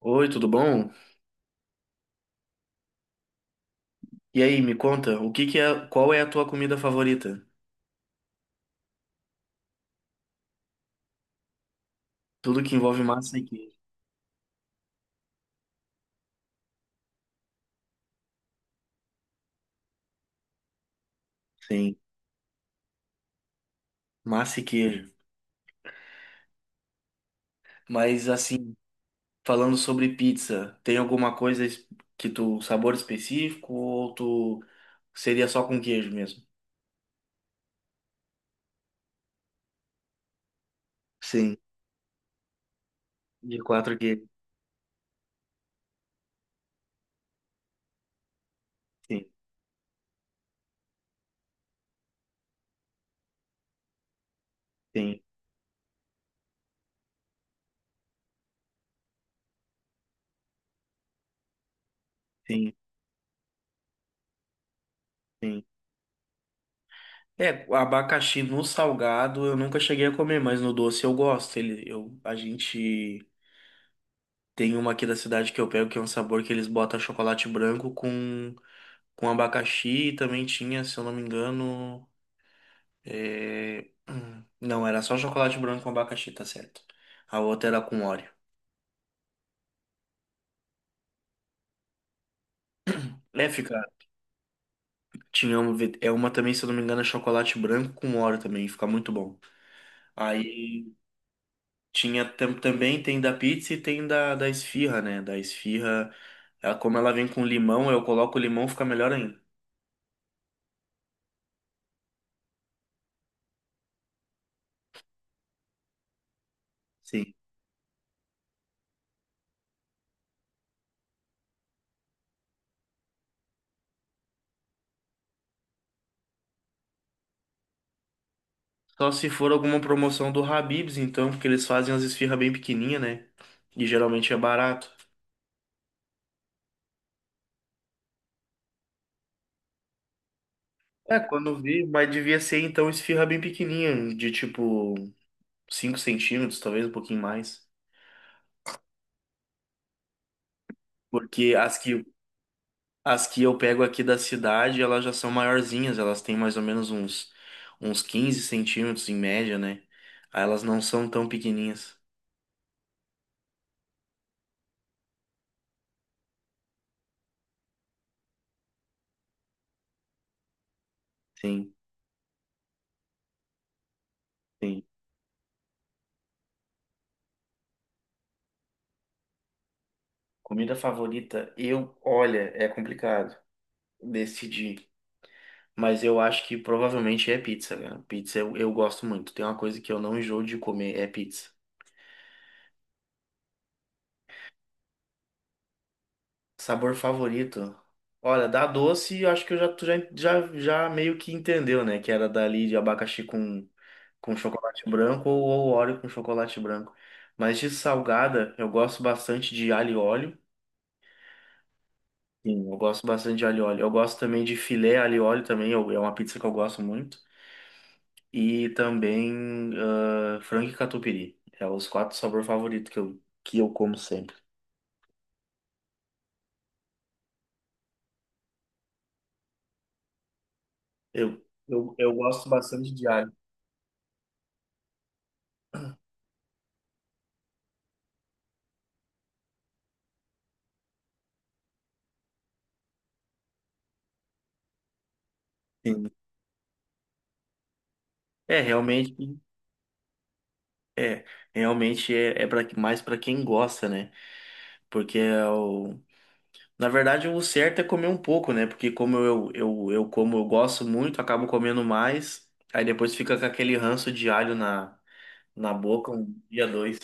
Oi, tudo bom? E aí, me conta, o que que é, qual é a tua comida favorita? Tudo que envolve massa e queijo. Sim, massa e queijo. Mas assim, falando sobre pizza, tem alguma coisa que tu, sabor específico ou tu seria só com queijo mesmo? Sim, de quatro queijos. Sim, sim, sim, sim. É, o abacaxi no salgado eu nunca cheguei a comer, mas no doce eu gosto. A gente tem uma aqui da cidade que eu pego que é um sabor que eles botam chocolate branco com abacaxi e também tinha, se eu não me engano, não, era só chocolate branco com abacaxi, tá certo. A outra era com Oreo. É, fica. Tinha uma, é uma também, se eu não me engano, é chocolate branco com Oreo também, fica muito bom. Aí tinha também, tem da pizza e tem da esfirra, né? Da esfirra, ela, como ela vem com limão, eu coloco o limão, fica melhor ainda. Sim. Só se for alguma promoção do Habib's, então, porque eles fazem as esfirras bem pequenininha, né? E geralmente é barato. É, quando eu vi, mas devia ser então esfirra bem pequenininha, de tipo 5 cm, talvez um pouquinho mais. Porque as que eu pego aqui da cidade, elas já são maiorzinhas, elas têm mais ou menos uns 15 cm em média, né? Aí elas não são tão pequenininhas. Sim, sim. Comida favorita, eu, olha, é complicado decidir. Mas eu acho que provavelmente é pizza, cara. Pizza eu gosto muito. Tem uma coisa que eu não enjoo de comer, é pizza. Sabor favorito? Olha, da doce, eu acho que tu já meio que entendeu, né? Que era dali de abacaxi com chocolate branco ou Oreo com chocolate branco. Mas de salgada, eu gosto bastante de alho e óleo. Sim, eu gosto bastante de alho e óleo. Eu gosto também de filé alho e óleo também, é uma pizza que eu gosto muito. E também frango e catupiry. É os quatro sabores favoritos que eu como sempre. Eu gosto bastante de alho. Sim. É, realmente. É, realmente é, mais para quem gosta, né? Porque é o, na verdade o certo é comer um pouco, né? Porque como eu como eu gosto muito, acabo comendo mais, aí depois fica com aquele ranço de alho na boca um dia, dois.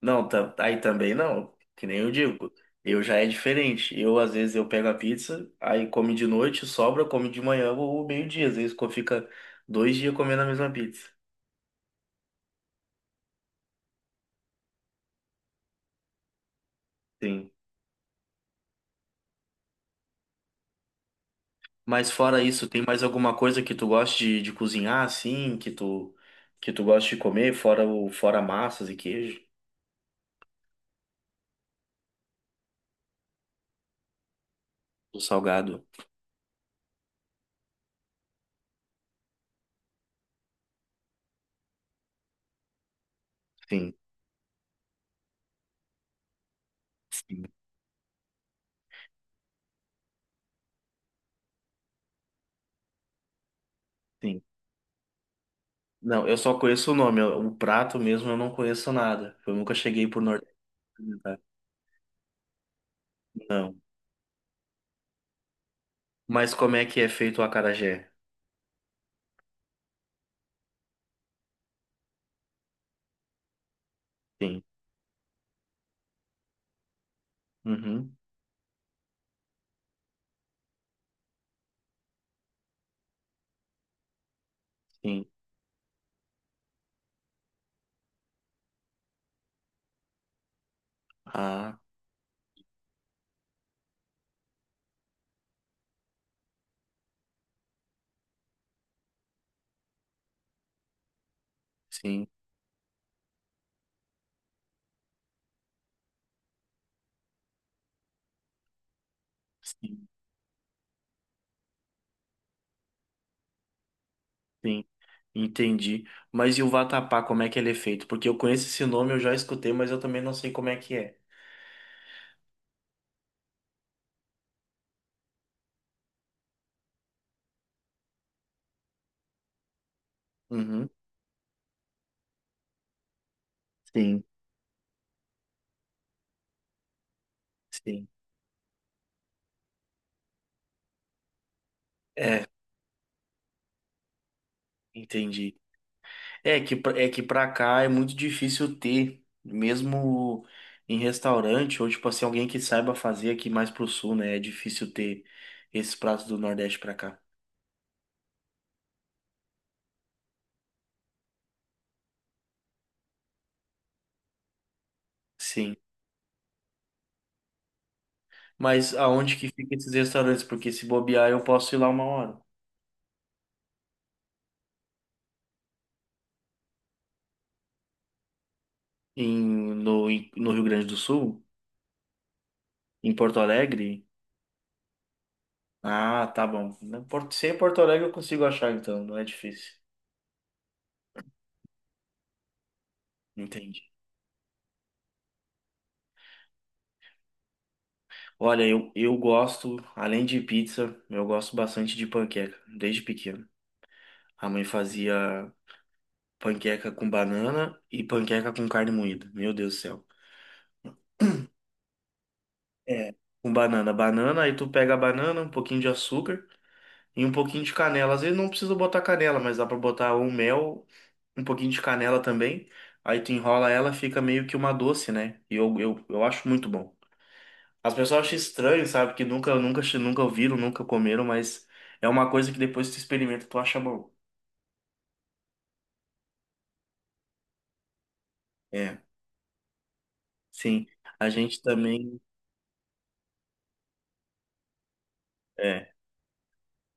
Não, tá, aí também não, que nem eu digo. Eu já é diferente. Eu, às vezes, eu pego a pizza, aí come de noite, sobra, come de manhã ou meio-dia. Às vezes fica 2 dias comendo a mesma pizza. Sim. Mas fora isso, tem mais alguma coisa que tu gosta de cozinhar, assim, que tu gosta de comer, fora o fora massas e queijo, o salgado? Sim, sim, sim. Não, eu só conheço o nome, o prato mesmo eu não conheço nada. Eu nunca cheguei pro norte experimentar. Não. Mas como é que é feito o acarajé? Sim. Uhum. Sim. Ah, sim, sim, sim. Entendi. Mas e o vatapá, como é que ele é feito? Porque eu conheço esse nome, eu já escutei, mas eu também não sei como é que é. Uhum. Sim. Sim, é, entendi. É que, é que pra cá é muito difícil ter, mesmo em restaurante, ou tipo assim, alguém que saiba fazer aqui mais pro sul, né? É difícil ter esses pratos do Nordeste pra cá. Sim. Mas aonde que fica esses restaurantes? Porque se bobear, eu posso ir lá uma hora. No Rio Grande do Sul? Em Porto Alegre? Ah, tá bom. Se é em Porto Alegre, eu consigo achar, então, não é difícil. Entendi. Olha, eu gosto, além de pizza, eu gosto bastante de panqueca, desde pequeno. A mãe fazia panqueca com banana e panqueca com carne moída. Meu Deus do céu. É, com banana. Banana, aí tu pega a banana, um pouquinho de açúcar e um pouquinho de canela. Às vezes não precisa botar canela, mas dá pra botar um mel, um pouquinho de canela também. Aí tu enrola ela, fica meio que uma doce, né? E eu acho muito bom. As pessoas acham estranho, sabe? Que nunca, nunca, nunca ouviram, nunca comeram, mas é uma coisa que depois que tu experimenta, tu acha bom. É, sim. A gente também, é,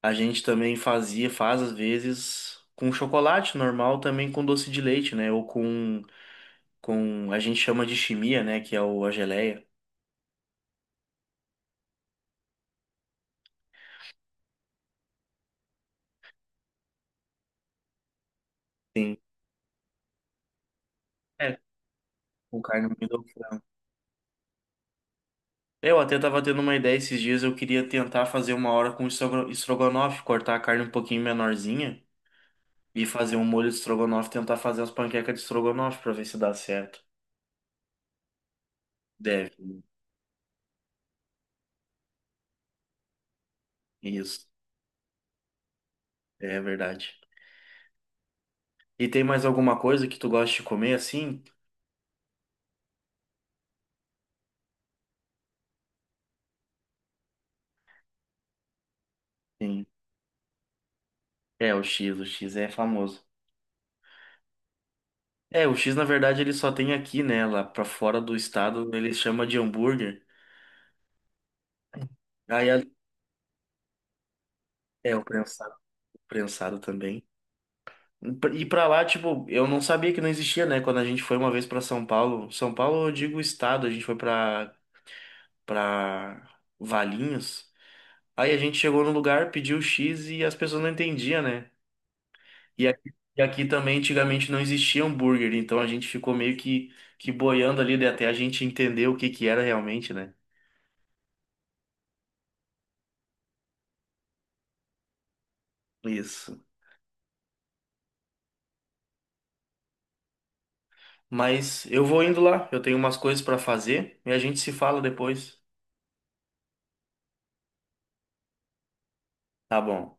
a gente também fazia, faz às vezes com chocolate normal, também com doce de leite, né? Ou a gente chama de chimia, né? Que é a geleia. Sim. É, com carne moída ao frango. Eu até tava tendo uma ideia esses dias, eu queria tentar fazer uma hora com estrogonofe, cortar a carne um pouquinho menorzinha. E fazer um molho de estrogonofe, tentar fazer as panquecas de estrogonofe pra ver se dá certo. Deve, né? Isso. É verdade. E tem mais alguma coisa que tu gosta de comer assim? Sim. É, o X é famoso. É, o X na verdade ele só tem aqui, né? Lá pra fora do estado ele chama de hambúrguer. Aí a- é o prensado, prensado também. E pra lá, tipo, eu não sabia que não existia, né? Quando a gente foi uma vez pra São Paulo, São Paulo, eu digo estado, a gente foi pra para Valinhos. Aí a gente chegou no lugar, pediu X e as pessoas não entendiam, né? E aqui também antigamente não existia hambúrguer, então a gente ficou meio que boiando ali né, até a gente entender o que que era realmente, né? Isso. Mas eu vou indo lá, eu tenho umas coisas para fazer e a gente se fala depois. Tá bom.